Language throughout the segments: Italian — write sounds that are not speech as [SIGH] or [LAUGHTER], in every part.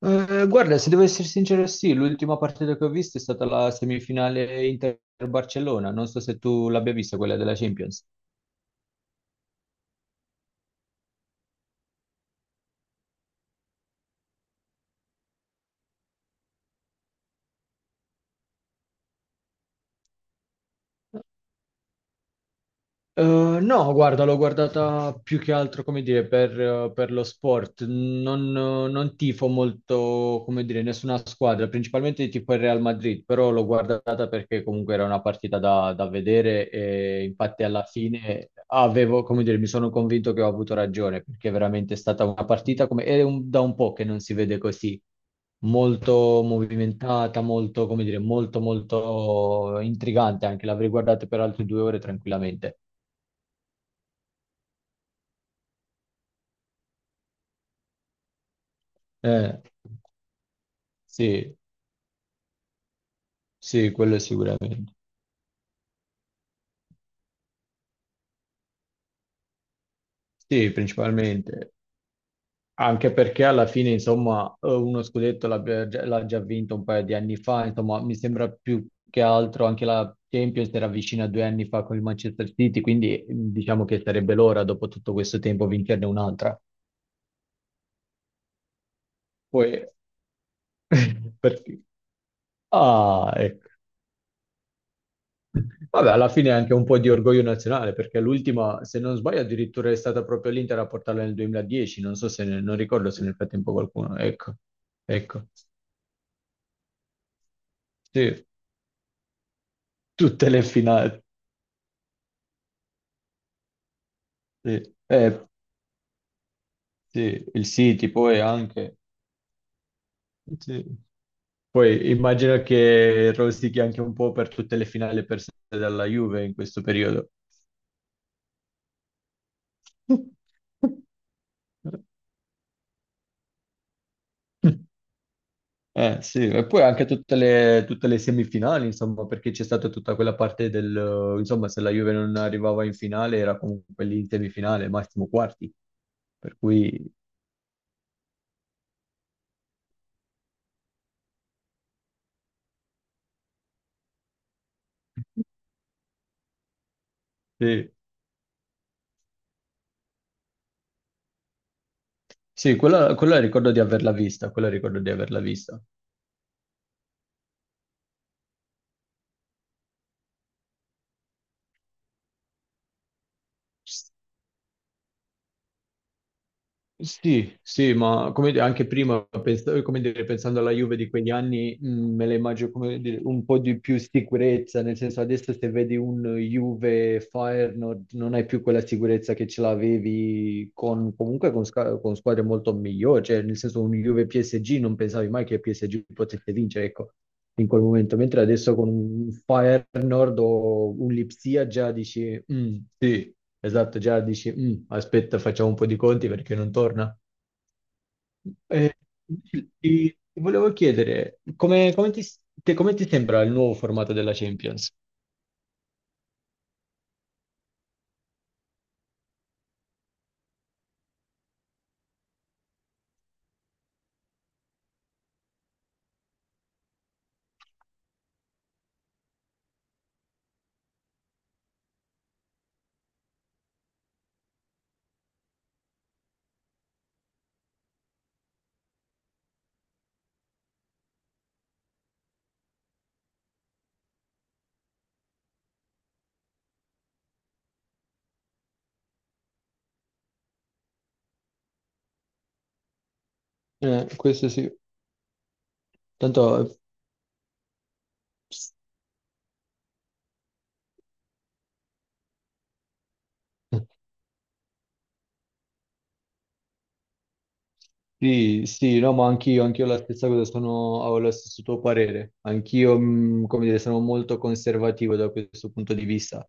Guarda, se devo essere sincero, sì, l'ultima partita che ho visto è stata la semifinale Inter-Barcellona. Non so se tu l'abbia vista, quella della Champions. Eh, no, guarda, l'ho guardata più che altro, come dire, per lo sport. Non tifo molto, come dire, nessuna squadra, principalmente tifo il Real Madrid, però l'ho guardata perché comunque era una partita da vedere e infatti alla fine avevo, come dire, mi sono convinto che ho avuto ragione, perché veramente è veramente stata una partita da un po' che non si vede così molto movimentata, molto, come dire, molto, molto intrigante anche. L'avrei guardata per altre 2 ore tranquillamente. Eh, sì, sì, quello sicuramente. Sì, principalmente. Anche perché alla fine, insomma, uno scudetto l'ha già vinto un paio di anni fa. Insomma, mi sembra più che altro anche la Champions era vicina a 2 anni fa con il Manchester City, quindi diciamo che sarebbe l'ora, dopo tutto questo tempo, vincerne un'altra. Poi, [LAUGHS] perché. Ah, ecco. Vabbè, alla fine è anche un po' di orgoglio nazionale, perché l'ultima, se non sbaglio, addirittura è stata proprio l'Inter a portarla nel 2010, non so se, non ricordo se nel frattempo qualcuno, ecco, ecco, sì, tutte le finali, sì. Sì, il City poi anche, sì. Poi immagino che rosichi anche un po' per tutte le finali perse dalla Juve in questo periodo. [LAUGHS] Sì, e poi anche tutte le semifinali, insomma, perché c'è stata tutta quella parte del, insomma, se la Juve non arrivava in finale era comunque lì in semifinale, massimo quarti. Per cui, sì, sì, quella ricordo di averla vista, quella ricordo di averla vista. Sì, sì, ma come dire, anche prima, come dire, pensando alla Juve di quegli anni, me la immagino come dire, un po' di più sicurezza, nel senso adesso se vedi un Juve Feyenoord non hai più quella sicurezza che ce l'avevi comunque con squadre molto migliori, cioè nel senso un Juve PSG non pensavi mai che PSG potesse vincere, ecco in quel momento, mentre adesso con un Fire Nord o un Lipsia già dici, "Mm, sì, esatto", già dici, "Mm, aspetta, facciamo un po' di conti perché non torna". Eh, ti volevo chiedere, come ti sembra il nuovo formato della Champions? Questo sì, tanto. Ps- sì, sì, no, ma anch'io, anch'io la stessa cosa, ho lo stesso tuo parere, anch'io, come dire, sono molto conservativo da questo punto di vista.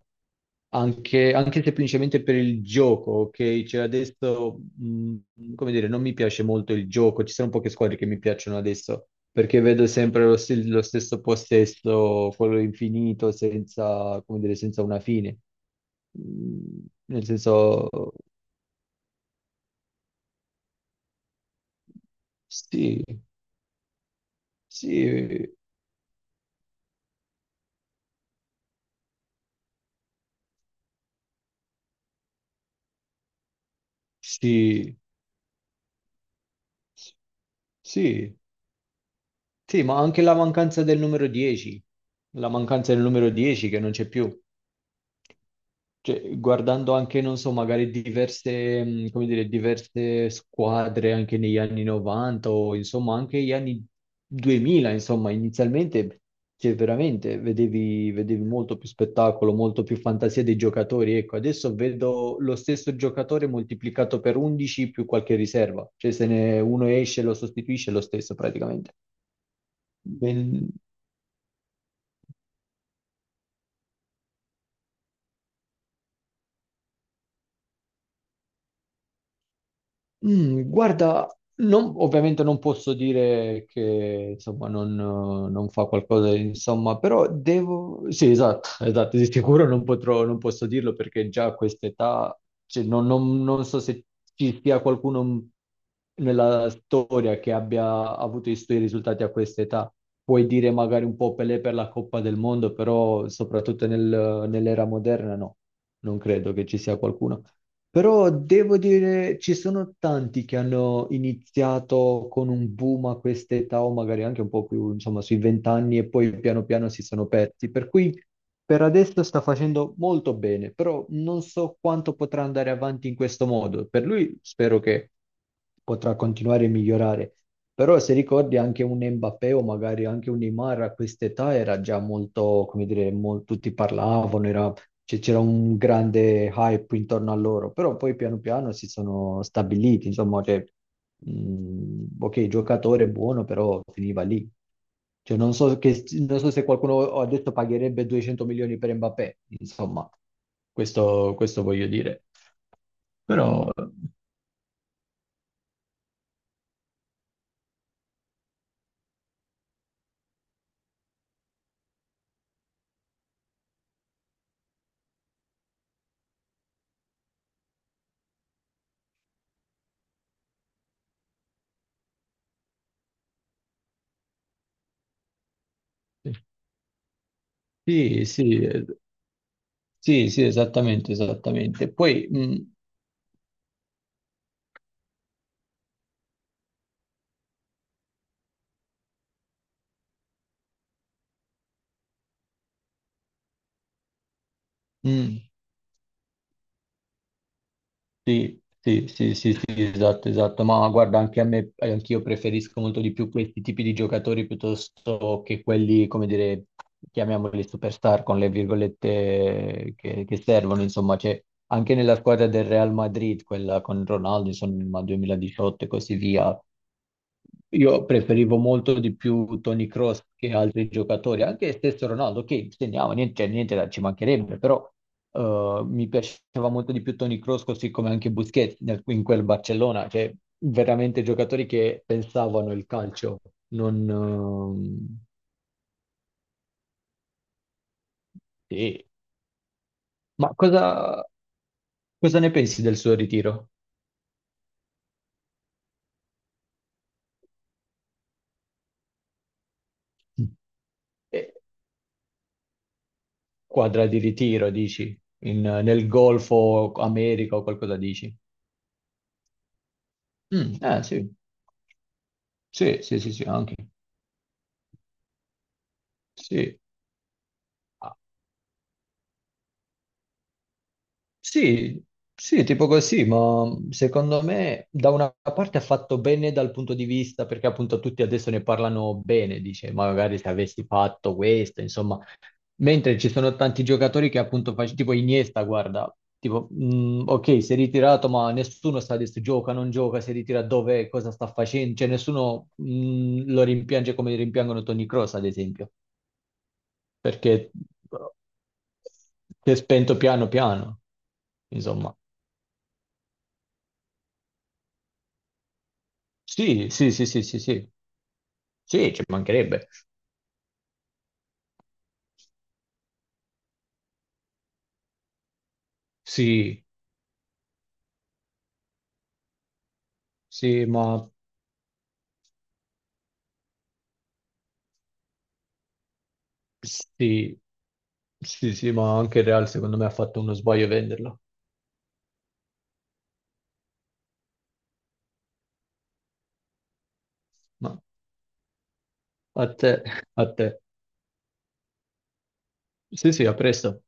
Anche semplicemente per il gioco, ok? Cioè adesso, come dire, non mi piace molto il gioco, ci sono poche squadre che mi piacciono adesso, perché vedo sempre lo stesso possesso, quello infinito, senza, come dire, senza una fine. Nel senso, sì, sì, sì, sì, sì, ma anche la mancanza del numero 10, che non c'è più. Cioè, guardando anche, non so, magari come dire, diverse squadre anche negli anni 90 o insomma anche gli anni 2000, insomma, inizialmente, cioè, veramente vedevi molto più spettacolo, molto più fantasia dei giocatori. Ecco, adesso vedo lo stesso giocatore moltiplicato per 11 più qualche riserva, cioè se ne uno esce lo sostituisce è lo stesso praticamente. Ben- Guarda, ovviamente non posso dire che insomma, non fa qualcosa, insomma, però devo. Sì, esatto, [LAUGHS] esatto, di sicuro non posso dirlo perché già a quest'età, cioè, non so se ci sia qualcuno nella storia che abbia avuto i suoi risultati a quest'età. Puoi dire magari un po' Pelé per la Coppa del Mondo, però soprattutto nell'era moderna no, non credo che ci sia qualcuno. Però devo dire, ci sono tanti che hanno iniziato con un boom a quest'età o magari anche un po' più, insomma, sui 20 anni e poi piano piano si sono persi. Per cui per adesso sta facendo molto bene, però non so quanto potrà andare avanti in questo modo. Per lui spero che potrà continuare a migliorare. Però se ricordi anche un Mbappé o magari anche un Neymar a quest'età era già molto, come dire, tutti parlavano, era cioè, c'era un grande hype intorno a loro, però poi piano piano si sono stabiliti, insomma, cioè, ok, il giocatore è buono, però finiva lì. Cioè, non so, non so se qualcuno ha detto pagherebbe 200 milioni per Mbappé, insomma, questo voglio dire. Però sì, sì, sì, sì, esattamente, esattamente. Poi, mm. Sì, sì, sì, sì, sì, esatto, esatto, ma guarda, anche a me, anch'io preferisco molto di più questi tipi di giocatori piuttosto che quelli, come dire, chiamiamoli superstar con le virgolette che servono, insomma, c'è anche nella squadra del Real Madrid, quella con Ronaldo, insomma, 2018 e così via, io preferivo molto di più Toni Kroos che altri giocatori, anche stesso Ronaldo, che segnava, niente, cioè, niente ci mancherebbe, però mi piaceva molto di più Toni Kroos, così come anche Busquets in quel Barcellona, cioè veramente giocatori che pensavano il calcio, non, sì. Ma cosa ne pensi del suo ritiro? Eh, quadra di ritiro, dici? Nel Golfo America o qualcosa dici? Mm, ah, sì. Sì, sì, sì, sì, anche. Sì, ah, sì, sì, tipo così, ma secondo me da una parte ha fatto bene dal punto di vista, perché appunto tutti adesso ne parlano bene, dice, magari se avessi fatto questo, insomma, mentre ci sono tanti giocatori che appunto facevano, tipo Iniesta, guarda, tipo, ok, si è ritirato, ma nessuno sa adesso gioca, non gioca, si ritira dove, cosa sta facendo, cioè nessuno lo rimpiange come rimpiangono Toni Kroos, ad esempio. Perché si è spento piano piano, insomma. Sì, sì, sì, sì, sì, sì, sì, ci mancherebbe. Sì, sì, ma sì, sì, sì, ma anche il Real secondo me ha fatto uno sbaglio a venderlo. Ma a te, a te. Sì, sì, a presto.